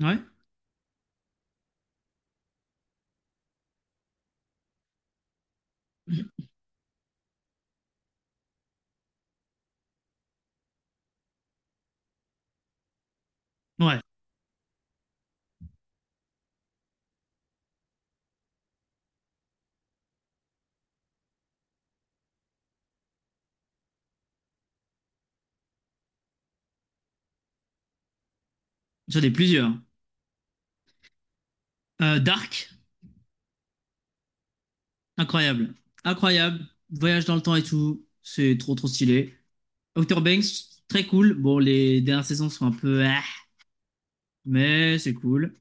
Ouais, ouais, j'en ai plusieurs. Dark, incroyable, incroyable, voyage dans le temps et tout, c'est trop trop stylé. Outer Banks, très cool. Bon, les dernières saisons sont un peu, ah, mais c'est cool.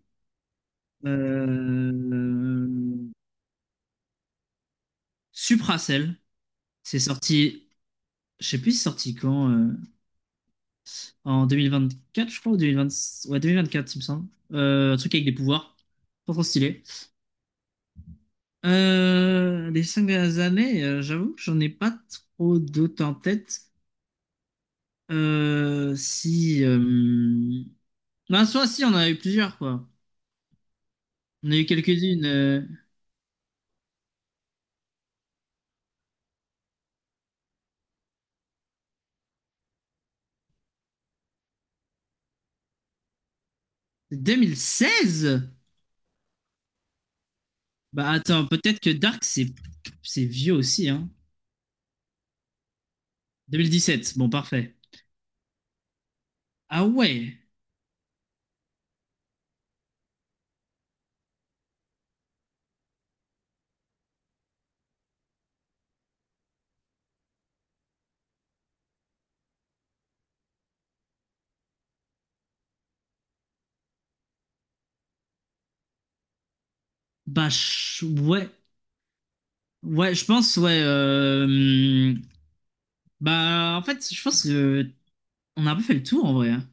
Euh... Supracell, c'est sorti, je sais plus c'est sorti quand, en 2024 je crois, ou 2020, ouais 2024 il me semble. Un truc avec des pouvoirs, trop trop stylé. Les cinq dernières années, j'avoue que j'en ai pas trop d'autres en tête. Si. Ben, soit si, on en a eu plusieurs, quoi. On a eu quelques-unes. 2016? Bah attends, peut-être que Dark, c'est vieux aussi, hein. 2017, bon, parfait. Ah ouais. Bah, ouais. Ouais, je pense, ouais. Hum, Bah, en fait, je pense que on a un peu fait le tour, en vrai, hein.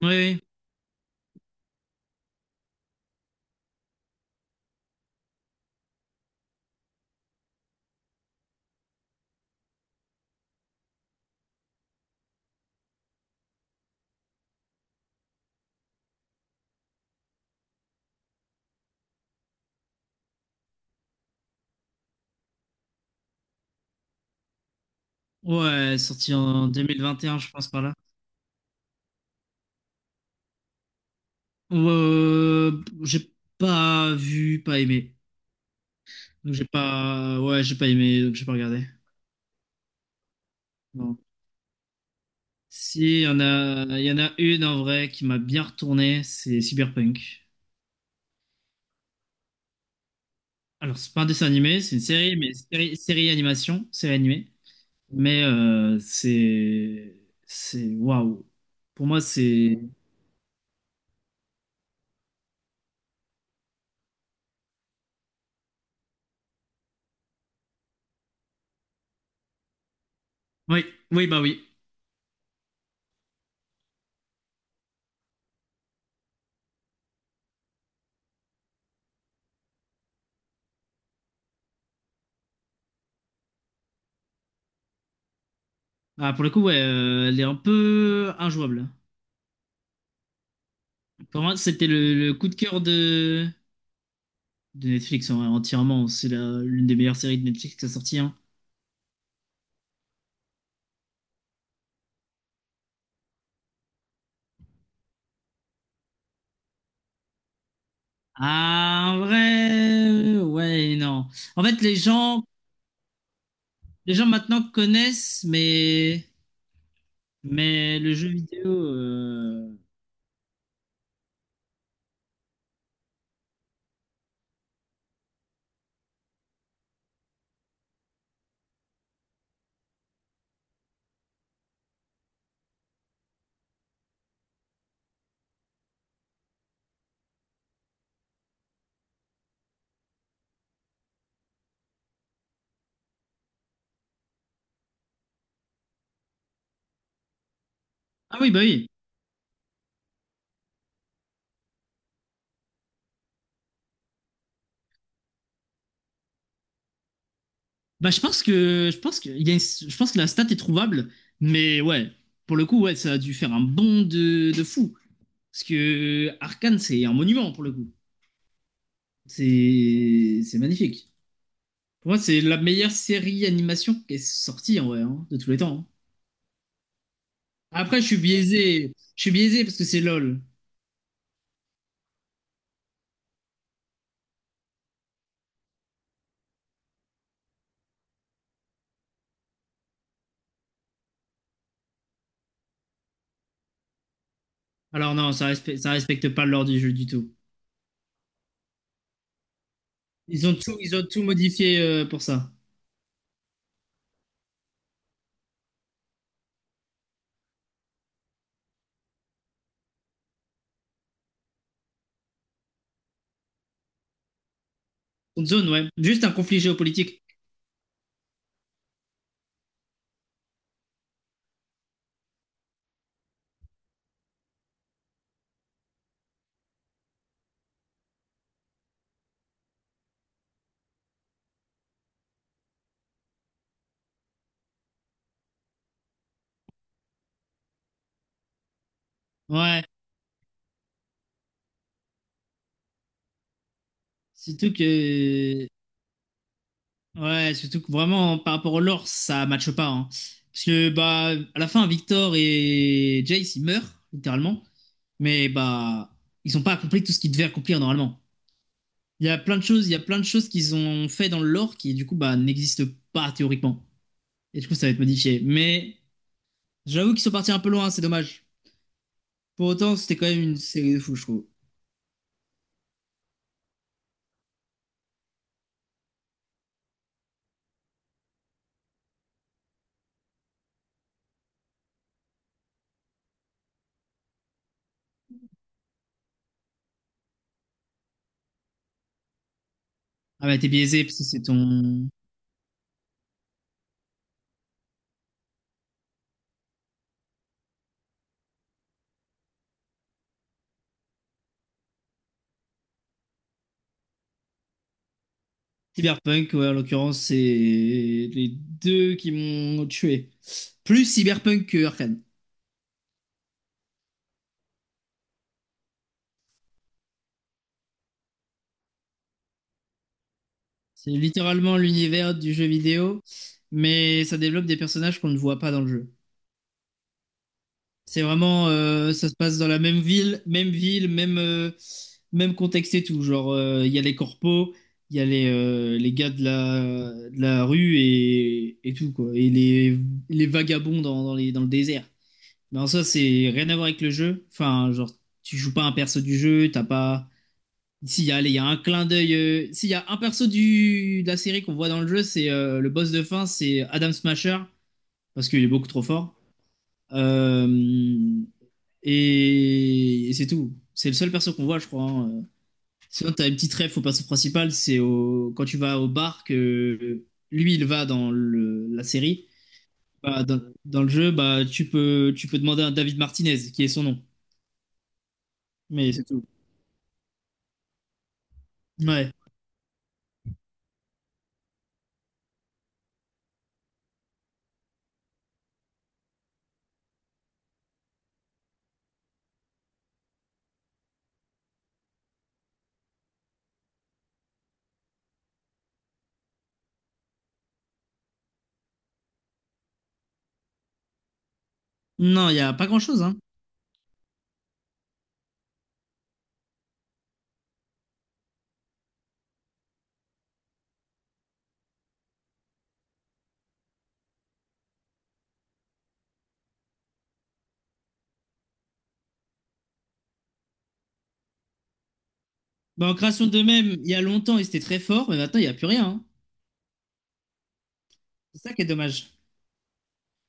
Ouais, ouais. Ouais, sorti en 2021, je pense, par là. J'ai pas vu, pas aimé. Donc j'ai pas, ouais, j'ai pas aimé, donc j'ai pas regardé. Non. Si, il y en a une en vrai qui m'a bien retourné, c'est Cyberpunk. Alors c'est pas un dessin animé, c'est une série, mais série, série animation, série animée. Mais c'est waouh. Pour moi, c'est, oui, oui, bah oui. Ah, pour le coup, ouais, elle est un peu injouable. Pour moi, c'était le coup de cœur de Netflix en vrai, entièrement. C'est l'une des meilleures séries de Netflix qui a sorti, hein. Ah, en vrai, ouais, non. En fait, les gens maintenant connaissent, mais le jeu vidéo. Ah oui. Bah, je pense que, il y a une- je pense que la stat est trouvable, mais ouais, pour le coup, ouais, ça a dû faire un bond de fou. Parce que Arcane, c'est un monument pour le coup. C'est magnifique. Pour moi, c'est la meilleure série animation qui est sortie en vrai, hein, de tous les temps, hein. Après, je suis biaisé parce que c'est LOL. Alors non, ça respecte pas l'ordre du jeu du tout. Ils ont tout modifié pour ça. Une zone, ouais. Juste un conflit géopolitique. Ouais. Surtout que, ouais, surtout que vraiment par rapport au lore, ça matche pas, hein. Parce que bah à la fin, Victor et Jace ils meurent littéralement, mais bah ils ont pas accompli tout ce qu'ils devaient accomplir normalement. Il y a plein de choses, il y a plein de choses qu'ils ont fait dans le lore qui du coup bah n'existent pas théoriquement. Et du coup ça va être modifié. Mais j'avoue qu'ils sont partis un peu loin, c'est dommage. Pour autant, c'était quand même une série de fou, je trouve. Ah bah t'es biaisé, parce que c'est ton... Cyberpunk, ouais, en l'occurrence, c'est les deux qui m'ont tué. Plus Cyberpunk que Arkane. C'est littéralement l'univers du jeu vidéo, mais ça développe des personnages qu'on ne voit pas dans le jeu. C'est vraiment, ça se passe dans la même ville, même ville, même, même contexte et tout. Genre, il y a les corpos, il y a les gars de la rue et tout, quoi. Et les vagabonds dans le désert. Mais en soi, c'est rien à voir avec le jeu. Enfin, genre, tu joues pas un perso du jeu, t'as pas. S'il y a, allez, il y a un clin d'œil. S'il y a un perso de la série qu'on voit dans le jeu, c'est le boss de fin, c'est Adam Smasher, parce qu'il est beaucoup trop fort. Euh, et c'est tout. C'est le seul perso qu'on voit, je crois, hein. Sinon, t'as une petite ref au perso principal, c'est au, quand tu vas au bar que lui, il va dans la série. Bah, dans le jeu, bah, tu peux demander à David Martinez, qui est son nom. Mais c'est tout. Ouais. Non, il n'y a pas grand-chose, hein. Bah, en création d'eux-mêmes, il y a longtemps, ils étaient très forts, mais maintenant, il n'y a plus rien, hein. C'est ça qui est dommage.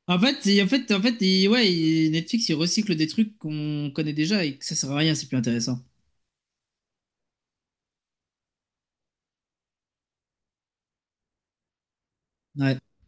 En fait, en fait ouais, Netflix, il recycle des trucs qu'on connaît déjà et que ça sert à rien, c'est plus intéressant. Ouais.